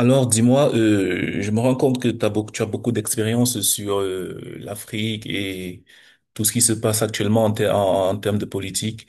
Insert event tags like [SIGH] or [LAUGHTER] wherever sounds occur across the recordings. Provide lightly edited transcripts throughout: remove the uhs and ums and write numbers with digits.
Alors, dis-moi, je me rends compte que tu as beaucoup d'expérience sur l'Afrique et tout ce qui se passe actuellement en termes de politique.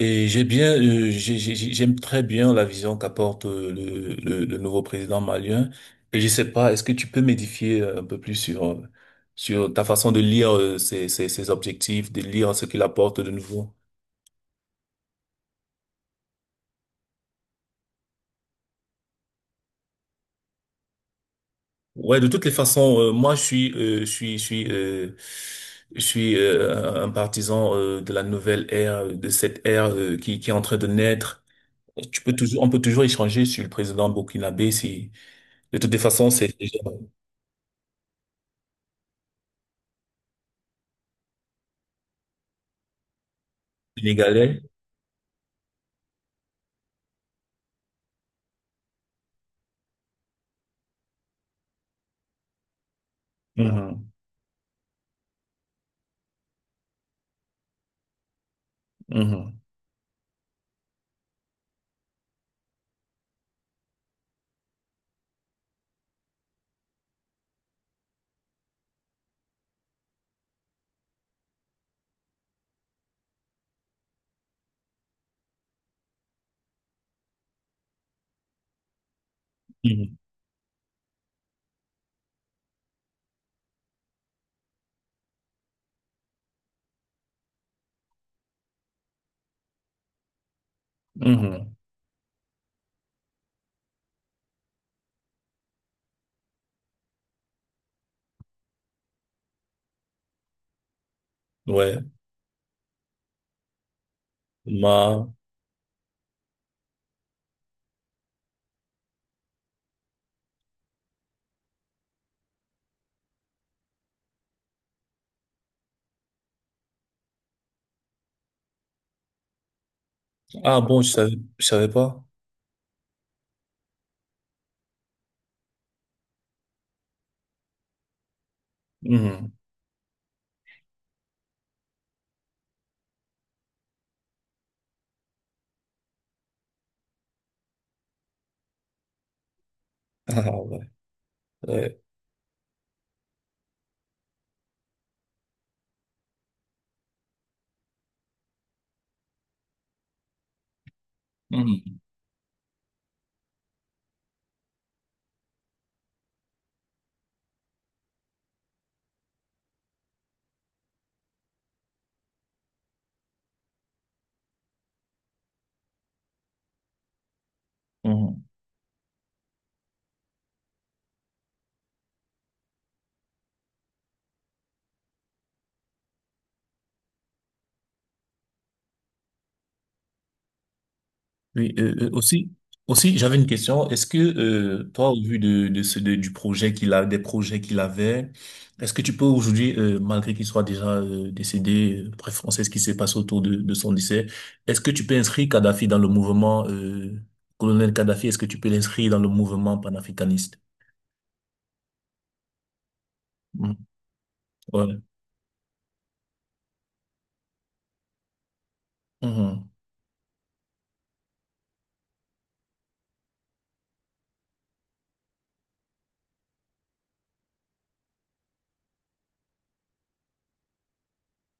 Et j'ai bien, j'ai- j'aime très bien la vision qu'apporte le nouveau président malien. Et je sais pas, est-ce que tu peux m'édifier un peu plus sur ta façon de lire ses objectifs, de lire ce qu'il apporte de nouveau? Ouais, de toutes les façons, moi je suis un partisan de la nouvelle ère, de cette ère qui est en train de naître. On peut toujours échanger sur le président burkinabé. Si de toutes les façons, c'est déjà sénégalais. Mhm, mhm, mhm, mhm. Ouais. Ma. Ah bon, je savais pas. Mhm. [LAUGHS] Ah ouais. Ouais. Mhm, mhm. Oui, aussi, j'avais une question. Est-ce que toi, au vu du projet qu'il a, des projets qu'il avait, est-ce que tu peux aujourd'hui, malgré qu'il soit déjà décédé, bref, on sait ce qui s'est passé autour de son décès, est-ce que tu peux inscrire Kadhafi dans le mouvement colonel Kadhafi, est-ce que tu peux l'inscrire dans le mouvement panafricaniste? Mhm. Ouais. Mhm.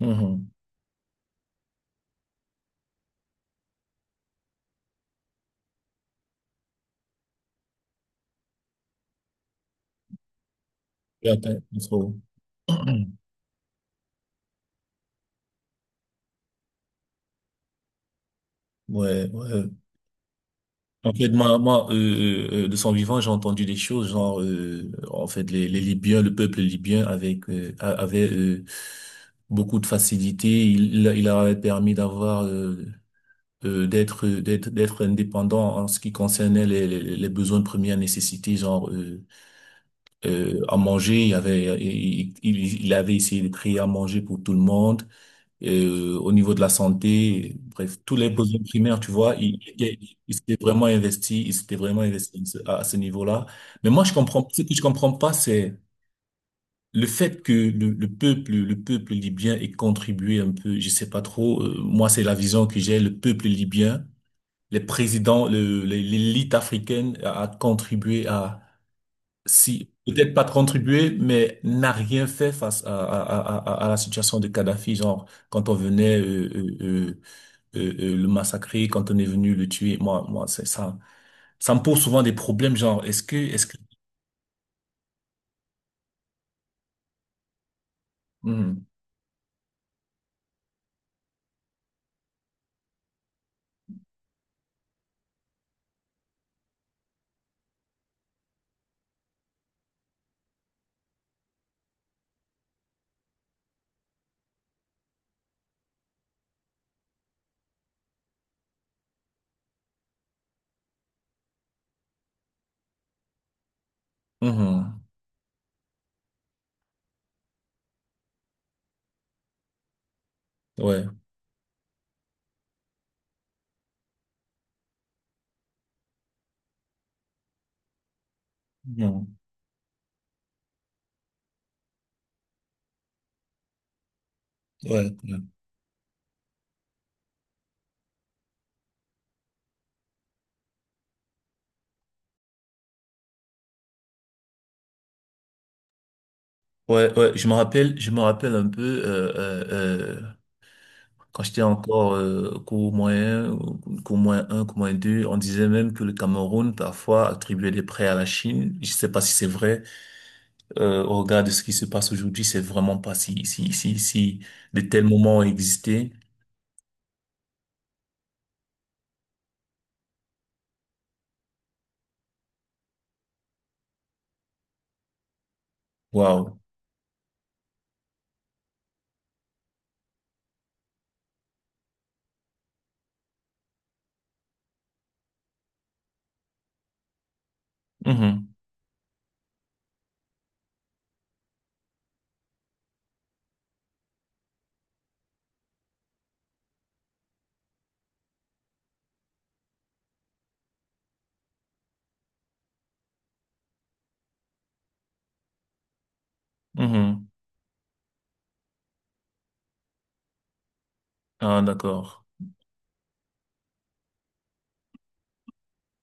Mhm. Et après, [CLEARS THROAT] Ouais, ouais. En fait, de son vivant, j'ai entendu des choses, genre, en fait, le peuple libyen avec, avait beaucoup de facilité. Il leur avait permis d'avoir, d'être indépendant en ce qui concernait les besoins de première nécessité, genre à manger. Il y avait, il avait essayé de créer à manger pour tout le monde au niveau de la santé, bref, tous les besoins primaires, tu vois, il s'était vraiment investi, à ce niveau-là. Mais moi, ce que je comprends pas, c'est le fait que le peuple libyen ait contribué un peu, je sais pas trop, moi, c'est la vision que j'ai, le peuple libyen, les présidents, l'élite africaine a, si, peut-être pas contribué, mais n'a rien fait face à la situation de Kadhafi, genre, quand on venait le massacrer, quand on est venu le tuer. Moi, c'est ça. Ça me pose souvent des problèmes, genre, est-ce que. Mhm. Mhm. Ouais. Mhm. Ouais, ouais, ouais, ouais. Je me rappelle, un peu quand j'étais encore cours moyen, ou cours moins un, cours moins deux, on disait même que le Cameroun parfois attribuait des prêts à la Chine. Je sais pas si c'est vrai. Au regard de ce qui se passe aujourd'hui, c'est vraiment pas si de tels moments ont existé. Waouh. Mhm. Mhm. Ah, d'accord.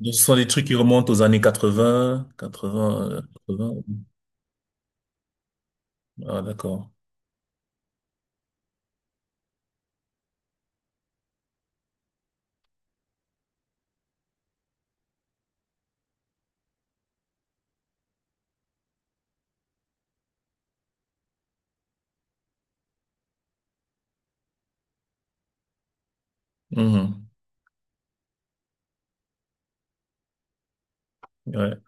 Donc, ce sont des trucs qui remontent aux années quatre-vingt quatre 80. Ah, d'accord. Mhm. Ouais.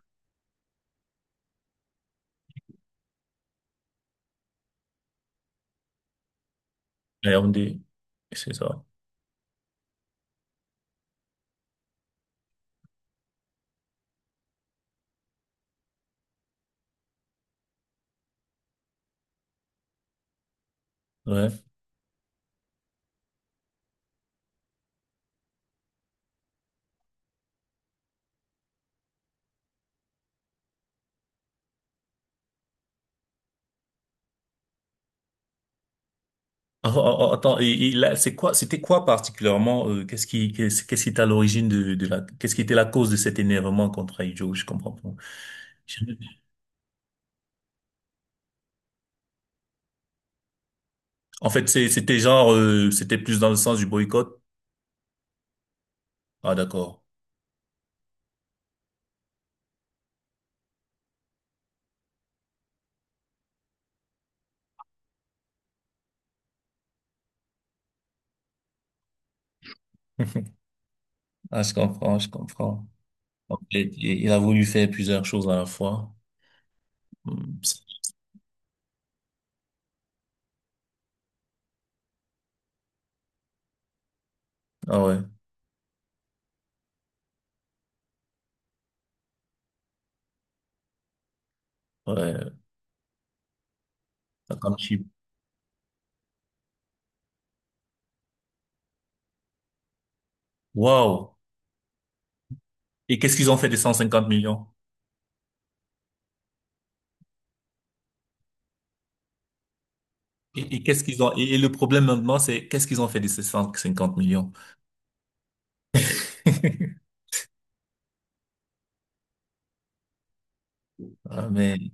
AMD, c'est ça. Ouais. Ah, ah, ah, attends, et là, c'était quoi particulièrement, qu'est-ce qui était à l'origine qu'est-ce qui était la cause de cet énervement contre Aïdjo? Je comprends pas. En fait, c'était genre, c'était plus dans le sens du boycott. Ah, d'accord. [LAUGHS] Ah, je comprends. En fait, il a voulu faire plusieurs choses à la fois. Hmm. Ah ouais. Ouais, ça comme cheap. Wow. Et qu'est-ce qu'ils ont fait des 150 millions? Et et le problème maintenant, c'est qu'est-ce qu'ils ont fait de ces 150 millions? [LAUGHS] Ah, mais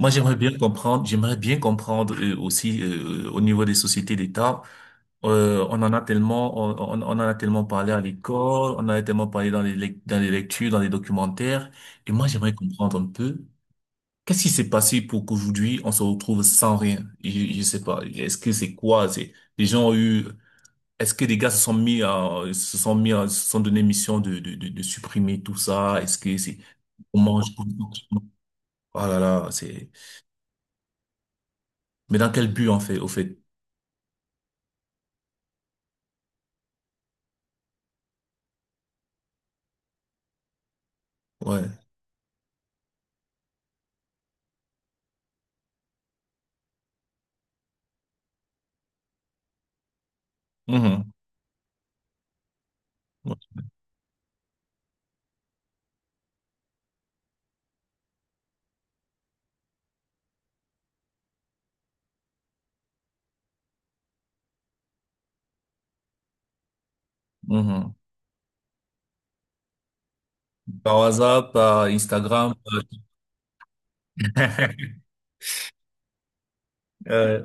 moi, j'aimerais bien comprendre aussi au niveau des sociétés d'État. On en a tellement, on en a tellement parlé à l'école, on en a tellement parlé dans les lectures, dans les documentaires. Et moi, j'aimerais comprendre un peu qu'est-ce qui s'est passé pour qu'aujourd'hui, on se retrouve sans rien. Je sais pas. Est-ce que c'est quoi? C'est, les gens ont eu. Est-ce que les gars se sont donné mission de supprimer tout ça? Est-ce que c'est, on mange tout, Oh là là, c'est, mais dans quel but, en fait, au fait? Ouais. Mhm. Ouais. Mhm. Par WhatsApp, par Instagram, [LAUGHS] Euh,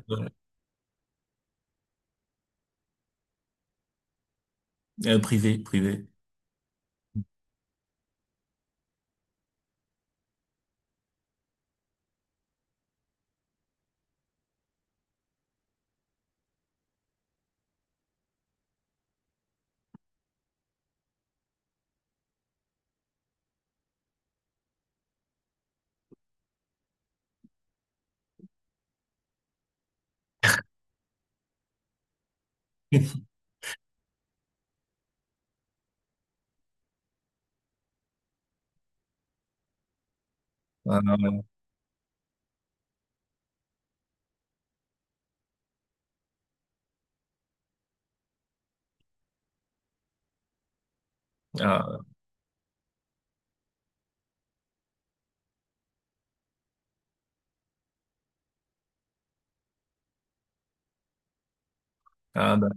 privé, privé. [LAUGHS] Ah, ah, ah, ah, bah,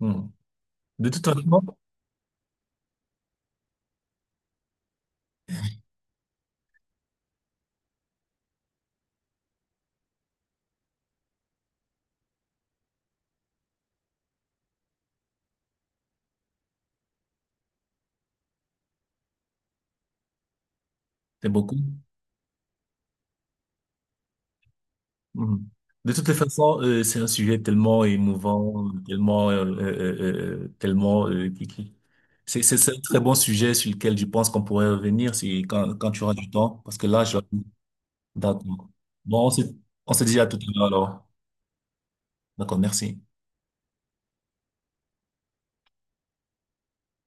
hmm. De toute façon, c'est beaucoup. Mhm. De toutes les façons, c'est un sujet tellement émouvant, c'est un très bon sujet sur lequel je pense qu'on pourrait revenir si quand tu auras du temps, parce que là, je d'accord. Bon, on se dit à tout à l'heure alors. D'accord, merci.